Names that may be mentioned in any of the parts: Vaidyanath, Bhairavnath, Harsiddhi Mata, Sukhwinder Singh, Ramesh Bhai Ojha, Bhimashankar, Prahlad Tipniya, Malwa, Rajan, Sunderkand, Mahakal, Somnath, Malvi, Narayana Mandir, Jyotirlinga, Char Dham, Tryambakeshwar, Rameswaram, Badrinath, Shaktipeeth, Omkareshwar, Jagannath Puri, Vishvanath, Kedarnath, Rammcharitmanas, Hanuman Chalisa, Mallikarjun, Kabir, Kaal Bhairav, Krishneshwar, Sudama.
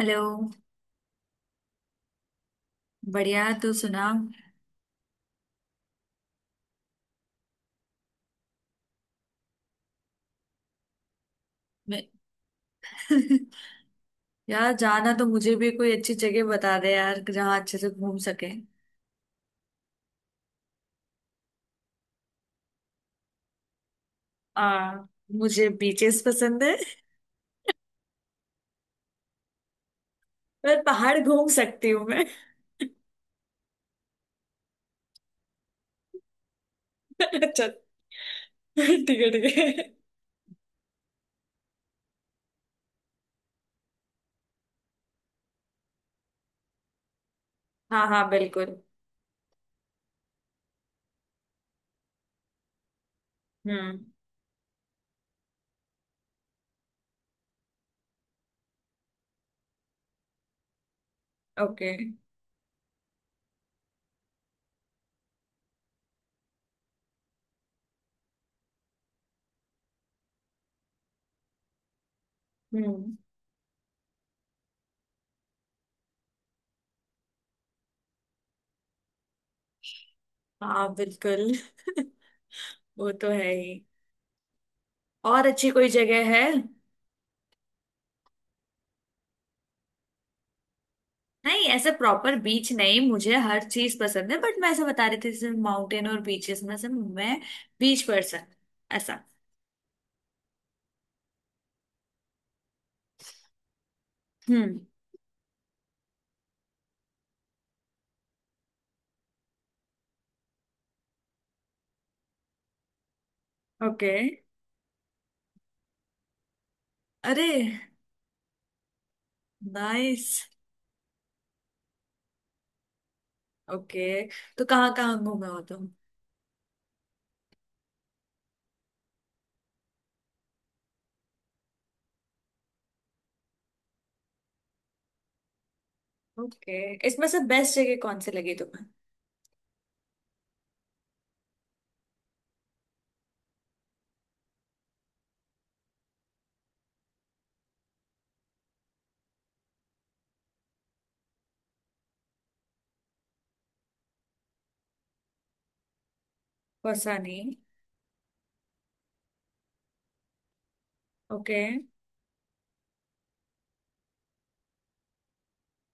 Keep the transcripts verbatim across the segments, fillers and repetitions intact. Hello. बढ़िया, तू सुना। मैं। यार, जाना तो मुझे भी कोई अच्छी जगह बता दे यार, जहाँ अच्छे से घूम सके। आ, मुझे बीचेस पसंद है। पर पहाड़ घूम सकती हूँ मैं। अच्छा, ठीक है, ठीक है। हाँ हाँ, बिल्कुल। हम्म। ओके। हम्म। हाँ, बिल्कुल। वो तो है ही। और अच्छी कोई जगह है? नहीं, ऐसे प्रॉपर बीच नहीं, मुझे हर चीज पसंद है, बट मैं ऐसा बता रही थी जैसे माउंटेन और बीचेस में से मैं बीच पर्सन, ऐसा। हम्म। ओके। अरे, नाइस। ओके, तो कहाँ कहाँ घूमे हो तुम? ओके। इसमें से बेस्ट जगह कौन सी लगी तुम्हें? कौसानी? ओके।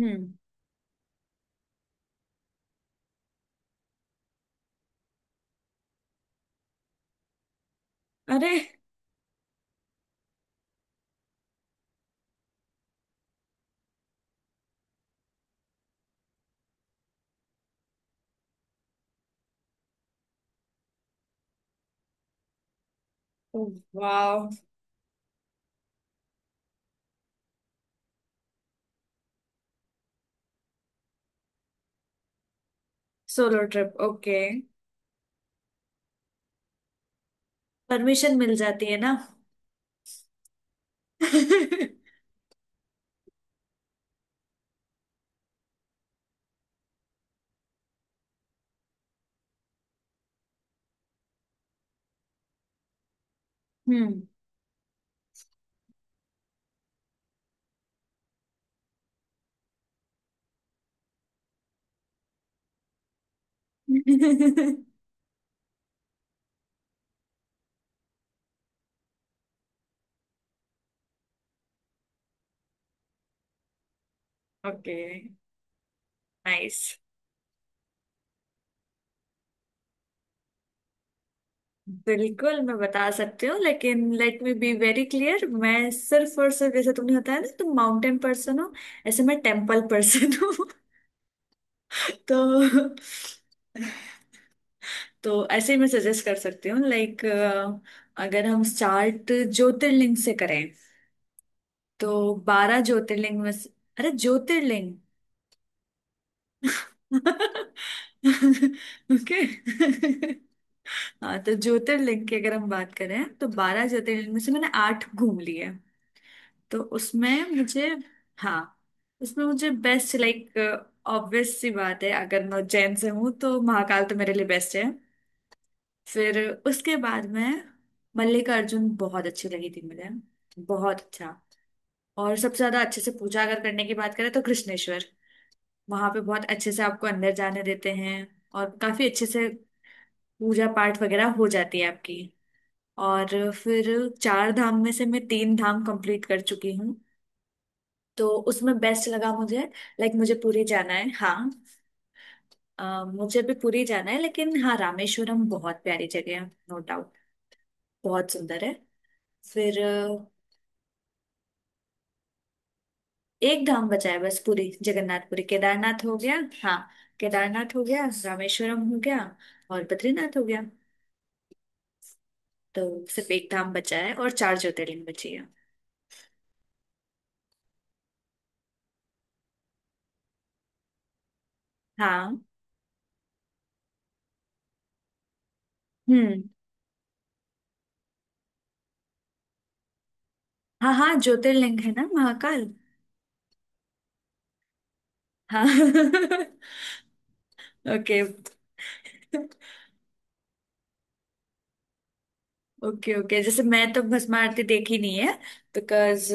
हम्म। अरे, वाह। Solo trip, okay. परमिशन मिल जाती है ना। हम्म। Okay, nice. बिल्कुल, मैं बता सकती हूँ, लेकिन let me be very clear, मैं सिर्फ और सिर्फ, जैसे तुमने बताया ना तुम माउंटेन पर्सन हो, ऐसे मैं टेम्पल पर्सन हूँ। तो तो ऐसे ही मैं सजेस्ट कर सकती हूँ, लाइक अगर हम स्टार्ट ज्योतिर्लिंग से करें, तो बारह ज्योतिर्लिंग में से- अरे, ज्योतिर्लिंग। ओके। हाँ, तो ज्योतिर्लिंग की अगर हम बात करें तो बारह ज्योतिर्लिंग में से मैंने आठ घूम लिए। तो उसमें मुझे, हाँ, उसमें मुझे बेस्ट, लाइक ऑब्वियस सी बात है, अगर मैं उज्जैन से हूँ तो महाकाल तो मेरे लिए बेस्ट है। फिर उसके बाद में मल्लिकार्जुन बहुत अच्छी लगी थी मुझे, बहुत अच्छा। और सबसे ज्यादा अच्छे से पूजा अगर करने की बात करें तो कृष्णेश्वर। वहां पे बहुत अच्छे से आपको अंदर जाने देते हैं, और काफी अच्छे से पूजा पाठ वगैरह हो जाती है आपकी। और फिर चार धाम में से मैं तीन धाम कंप्लीट कर चुकी हूँ। तो उसमें बेस्ट लगा मुझे, लाइक मुझे पुरी जाना है। हाँ, अ, मुझे भी पुरी जाना है, लेकिन हाँ, रामेश्वरम बहुत प्यारी जगह है, नो डाउट। बहुत सुंदर है। फिर अ, एक धाम बचा है, बस पुरी जगन्नाथ। पुरी केदारनाथ हो गया। हाँ, केदारनाथ हो गया, रामेश्वरम हो गया, और बद्रीनाथ हो गया। तो सिर्फ एक धाम बचा है और चार ज्योतिर्लिंग बची है। हाँ। हम्म। हाँ हाँ, ज्योतिर्लिंग है ना, महाकाल। हाँ। ओके ओके ओके, जैसे मैं तो भस्म आरती देखी नहीं है। बिकॉज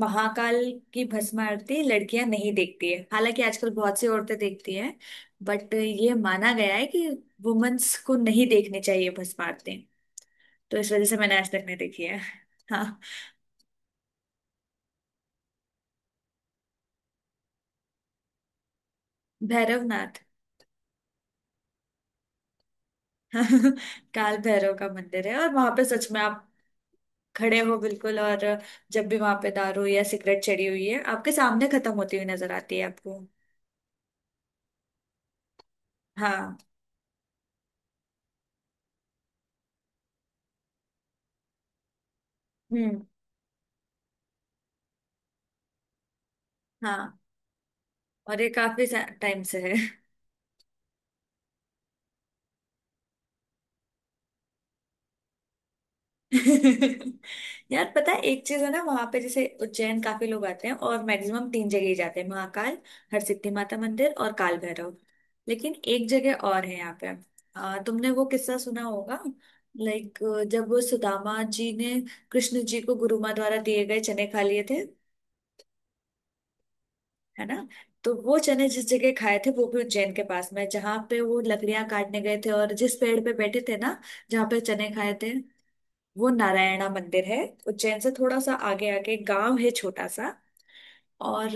महाकाल की भस्म आरती लड़कियां नहीं देखती है, हालांकि आजकल बहुत सी औरतें देखती हैं, बट ये माना गया है कि वुमेन्स को नहीं देखनी चाहिए भस्म आरती। तो इस वजह से मैंने आज तक नहीं देखी है। हाँ। भैरवनाथ। काल भैरव का मंदिर है, और वहां पे सच में आप खड़े हो बिल्कुल, और जब भी वहां पे दारू या सिगरेट चढ़ी हुई है, आपके सामने खत्म होती हुई नजर आती है आपको। हाँ। हम्म। हाँ। और ये काफी टाइम से है। यार, पता है, एक चीज है ना, वहां पे जैसे उज्जैन काफी लोग आते हैं और मैक्सिमम तीन जगह ही जाते हैं, महाकाल, हरसिद्धि माता मंदिर और काल भैरव। लेकिन एक जगह और है यहाँ पे। आ, तुमने वो किस्सा सुना होगा, लाइक जब वो सुदामा जी ने कृष्ण जी को गुरुमा द्वारा दिए गए चने खा लिए थे, है ना। तो वो चने जिस जगह खाए थे वो भी उज्जैन के पास में है, जहाँ पे वो लकड़ियां काटने गए थे और जिस पेड़ पे बैठे थे ना, जहाँ पे चने खाए थे, वो नारायणा मंदिर है। उज्जैन से थोड़ा सा आगे, आगे गांव है, छोटा सा। और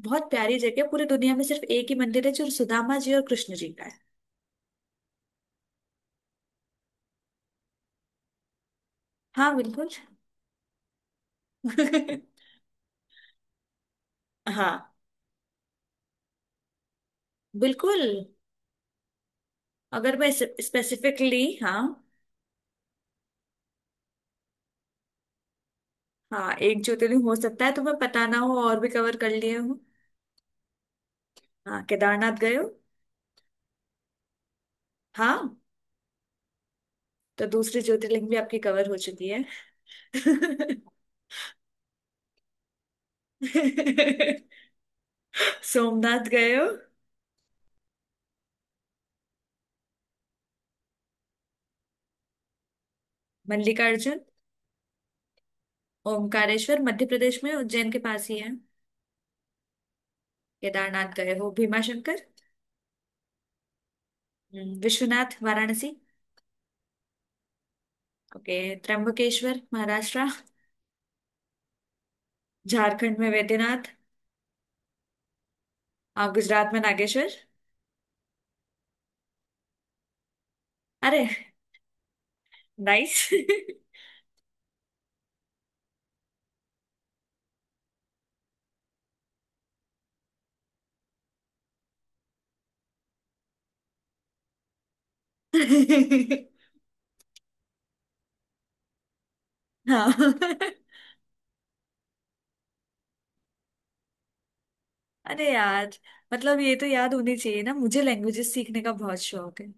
बहुत प्यारी जगह, पूरी दुनिया में सिर्फ एक ही मंदिर है जो सुदामा जी और कृष्ण जी का है। हाँ, बिल्कुल। हाँ, बिल्कुल। अगर मैं स्पेसिफिकली, हाँ। हाँ, एक ज्योतिर्लिंग हो सकता है तुम्हें पता ना हो और भी कवर कर लिए हूँ। हाँ, केदारनाथ गए हो? हाँ, तो दूसरी ज्योतिर्लिंग भी आपकी कवर हो चुकी है। सोमनाथ गए हो? मल्लिकार्जुन? ओमकारेश्वर मध्य प्रदेश में उज्जैन के पास ही है। केदारनाथ गए हो? भीमाशंकर? हम्म, विश्वनाथ वाराणसी? ओके। त्र्यंबकेश्वर महाराष्ट्र? झारखंड में वैद्यनाथ? आप गुजरात में नागेश्वर? अरे। नाइस। हाँ। अरे यार, मतलब ये तो याद होनी चाहिए ना, मुझे लैंग्वेजेस सीखने का बहुत शौक है,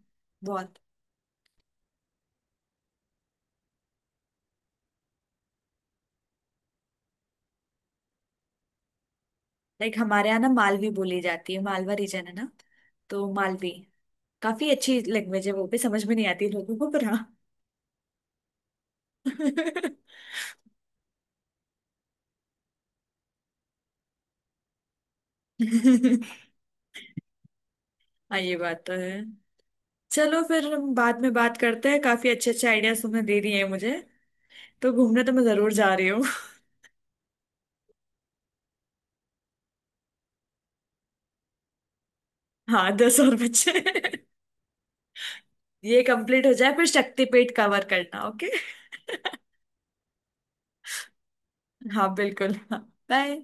बहुत। लाइक हमारे यहाँ ना मालवी बोली जाती है, मालवा रीजन है ना, तो मालवी काफी अच्छी लैंग्वेज है, वो भी समझ में नहीं आती लोगों को, पर हाँ। हाँ, ये बात तो है। चलो फिर, हम बाद में बात करते हैं, काफी अच्छे अच्छे आइडियाज तुमने दे दिए हैं मुझे, तो घूमने तो मैं जरूर जा रही हूँ। हाँ, दस और बच्चे। ये कंप्लीट हो जाए फिर शक्तिपीठ कवर करना। ओके। हाँ, बिल्कुल, हाँ। बाय।